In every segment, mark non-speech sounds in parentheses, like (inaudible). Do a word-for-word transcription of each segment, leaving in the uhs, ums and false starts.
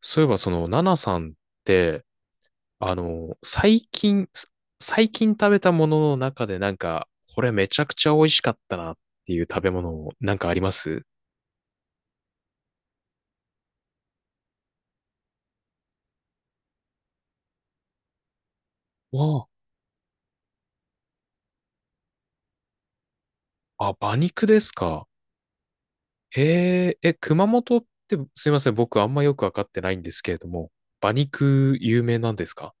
そういえば、その、ナナさんって、あの、最近、す最近食べたものの中で、なんか、これめちゃくちゃ美味しかったなっていう食べ物、なんかありますわあ、あ、馬肉ですか。えー、え、熊本って、すいません、僕あんまよくわかってないんですけれども、馬肉有名なんですか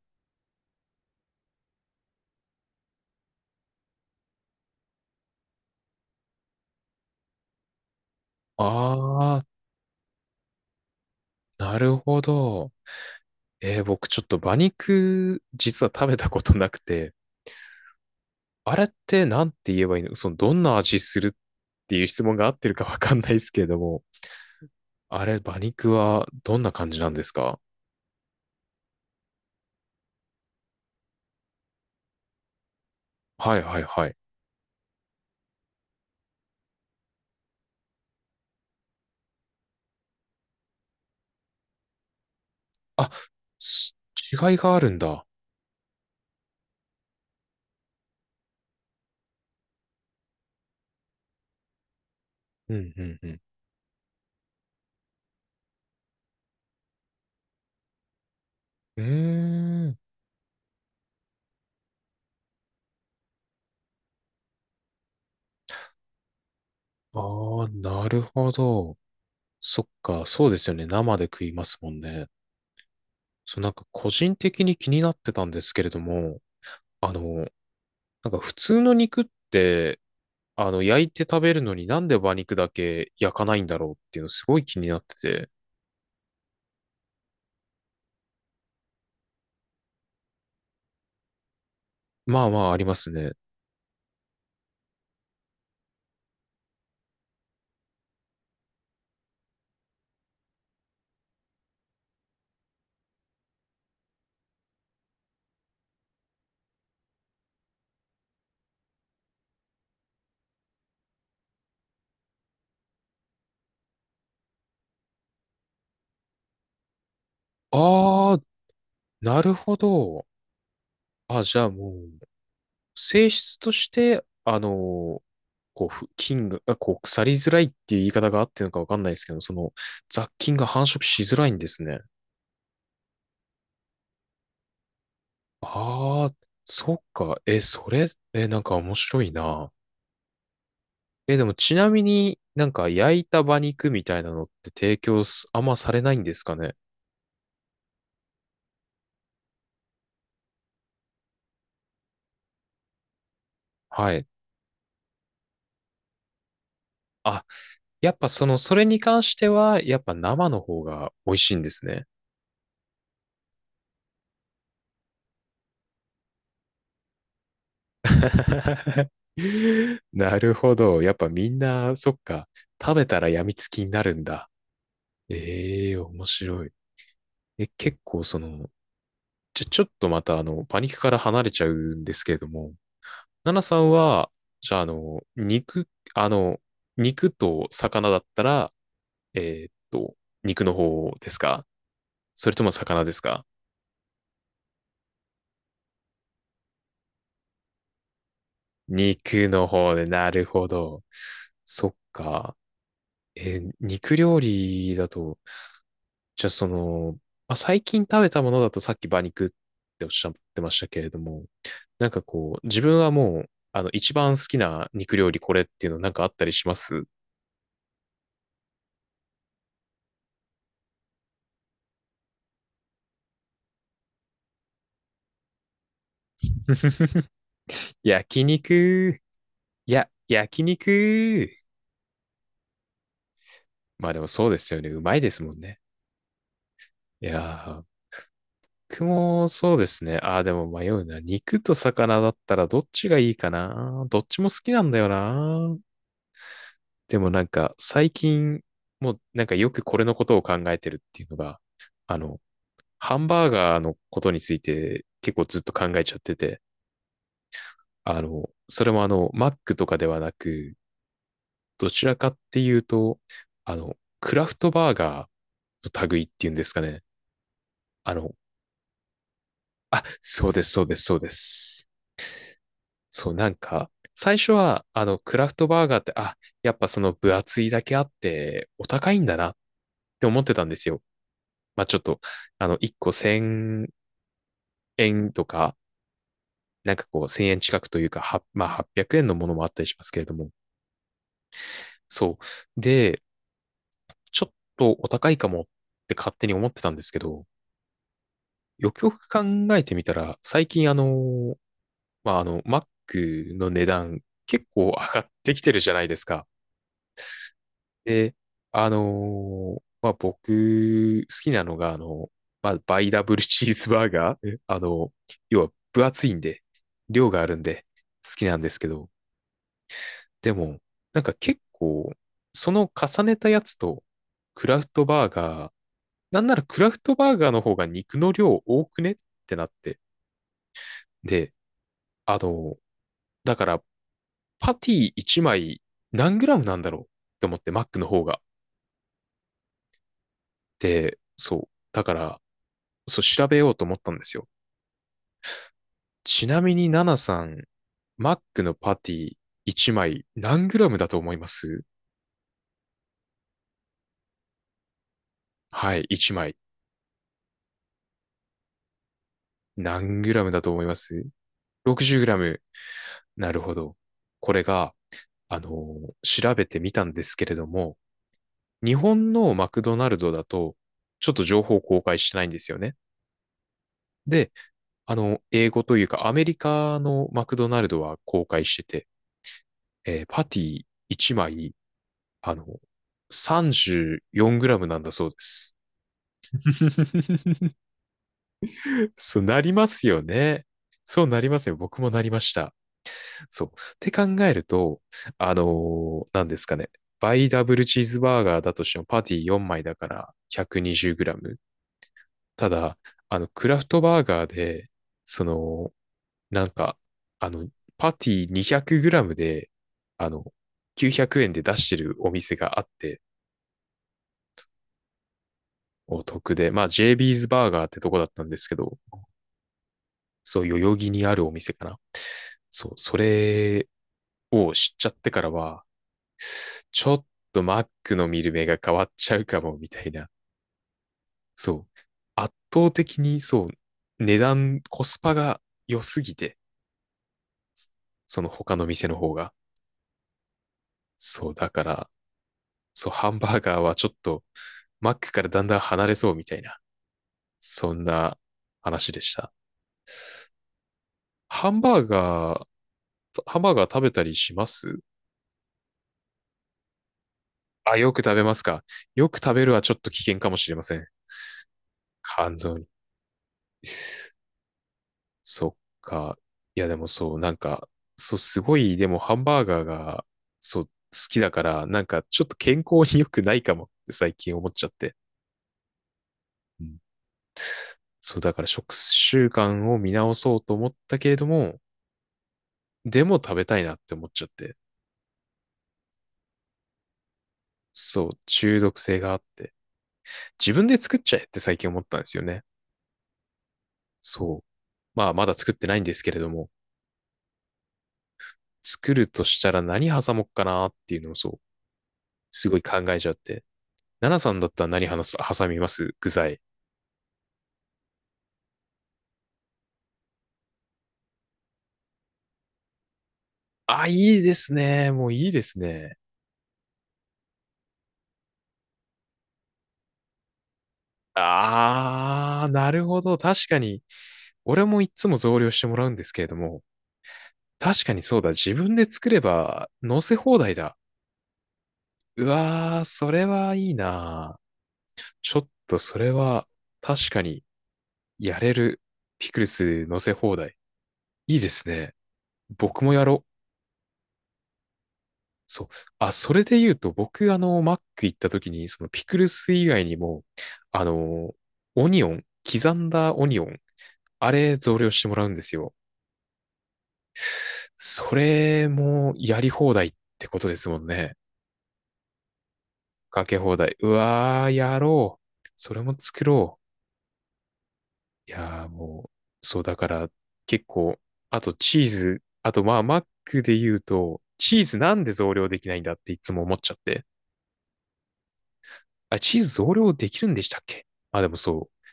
ああー、なるほど。えー、僕ちょっと馬肉、実は食べたことなくて、あれってなんて言えばいいのその、どんな味するっていう質問が合ってるかわかんないですけれども、あれ、馬肉はどんな感じなんですかはいはいはい。あ、す違いがあるんだ。うんうんうん。うーん。ああ、なるほど。そっか、そうですよね。生で食いますもんね。そう、なんか個人的に気になってたんですけれども、あの、なんか普通の肉って、あの、焼いて食べるのになんで馬肉だけ焼かないんだろうっていうのすごい気になってて。まあまあありますね。ああ、なるほど。あ、じゃあもう、性質として、あの、こう、ふ菌が、あこう、腐りづらいっていう言い方があってるのかわかんないですけど、その、雑菌が繁殖しづらいんですね。ああ、そっか。え、それ、え、なんか面白いな。え、でもちなみになんか焼いた馬肉みたいなのって提供すあんまされないんですかね。はい。あ、やっぱその、それに関しては、やっぱ生の方が美味しいんですね。(laughs) なるほど。やっぱみんな、そっか、食べたら病みつきになるんだ。ええ面白い。え、結構その、じゃ、ちょっとまたあの、パニックから離れちゃうんですけれども、ナナさんは、じゃああの、肉、あの、肉と魚だったら、えーっと、肉の方ですかそれとも魚ですか肉の方で、なるほど。そっか。え、肉料理だと、じゃあその、まあ、最近食べたものだとさっき馬肉っておっしゃってましたけれども、なんかこう、自分はもう、あの、一番好きな肉料理これっていうのなんかあったりします (laughs) 焼肉。いや、焼肉。まあでもそうですよね。うまいですもんね。いやー、僕もそうですね。ああ、でも迷うな。肉と魚だったらどっちがいいかな。どっちも好きなんだよな。でもなんか最近もうなんかよくこれのことを考えてるっていうのが、あの、ハンバーガーのことについて結構ずっと考えちゃってて、あの、それもあの、マックとかではなく、どちらかっていうと、あの、クラフトバーガーの類っていうんですかね。あの、あ、そうです、そうです、そうです。そう、なんか、最初は、あの、クラフトバーガーって、あ、やっぱその分厚いだけあって、お高いんだなって思ってたんですよ。まあ、ちょっと、あの、いっこせんえんとか、なんかこう、せんえん近くというか、は、まあ、はっぴゃくえんのものもあったりしますけれども。そう。で、ちょっとお高いかもって勝手に思ってたんですけど、よくよく考えてみたら、最近あの、まあ、あの、Mac の値段結構上がってきてるじゃないですか。で、あのーまあ、僕、好きなのが、あの、まあ、バイダブルチーズバーガー。えあの、要は分厚いんで、量があるんで、好きなんですけど、でも、なんか結構、その重ねたやつと、クラフトバーガー、なんならクラフトバーガーの方が肉の量多くねってなって。で、あの、だから、パティいちまい何グラムなんだろうって思って、マックの方が。で、そう。だから、そう、調べようと思ったんですよ。ちなみに、ナナさん、マックのパティいちまい何グラムだと思いますはい、いちまい。何グラムだと思います ?ろくじゅう グラム。なるほど。これが、あのー調べてみたんですけれども、日本のマクドナルドだと、ちょっと情報公開してないんですよね。で、あの、英語というか、アメリカのマクドナルドは公開してて、えーパティいちまいあの、さんじゅうよんグラムなんだそうです。(laughs) そうなりますよね。そうなりますよ。僕もなりました。そう。って考えると、あのー、なんですかね。バイダブルチーズバーガーだとしてもパティよんまいだからひゃくにじゅうグラム。ただ、あの、クラフトバーガーで、その、なんか、あの、パティにひゃくグラムで、あの、きゅうひゃくえんで出してるお店があって、お得で、まあ ジェイビー's バーガーってとこだったんですけど、そう、代々木にあるお店かな。そう、それを知っちゃってからは、ちょっとマックの見る目が変わっちゃうかも、みたいな。そう。圧倒的に、そう、値段、コスパが良すぎて、その他の店の方が。そう、だから、そう、ハンバーガーはちょっと、マックからだんだん離れそうみたいな、そんな話でした。ハンバーガー、ハンバーガー食べたりしますあ、よく食べますか。よく食べるはちょっと危険かもしれません。肝臓に。そっか。いや、でもそう、なんか、そう、すごい、でもハンバーガーが、そう、好きだから、なんか、ちょっと健康に良くないかもって最近思っちゃって。うんそう、だから食習慣を見直そうと思ったけれども、でも食べたいなって思っちゃって。そう、中毒性があって。自分で作っちゃえって最近思ったんですよね。そう。まあ、まだ作ってないんですけれども。作るとしたら何挟もっかなっていうのをそう、すごい考えちゃって。奈々さんだったら何話す挟みます具材。あ、いいですね。もういいですね。あー、なるほど。確かに。俺もいつも増量してもらうんですけれども、確かにそうだ。自分で作れば乗せ放題だ。うわー、それはいいな。ちょっとそれは確かにやれるピクルス乗せ放題。いいですね。僕もやろう。そう。あ、それで言うと、僕、あの、マック行った時に、そのピクルス以外にも、あの、オニオン、刻んだオニオン、あれ増量してもらうんですよ。それもやり放題ってことですもんね。かけ放題。うわー、やろう。それも作ろう。いやー、もう、そう、だから、結構、あとチーズ、あと、まあ、マックで言うと、チーズなんで増量できないんだっていつも思っちゃって。あ、チーズ増量できるんでしたっけあ、でもそう。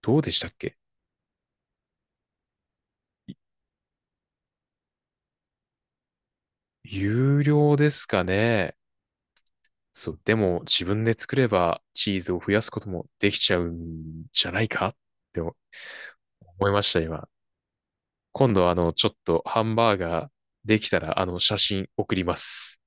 どうでしたっけい有料ですかね。そう、でも自分で作ればチーズを増やすこともできちゃうんじゃないかって思いました、今。今度、あの、ちょっとハンバーガーできたら、あの、写真送ります。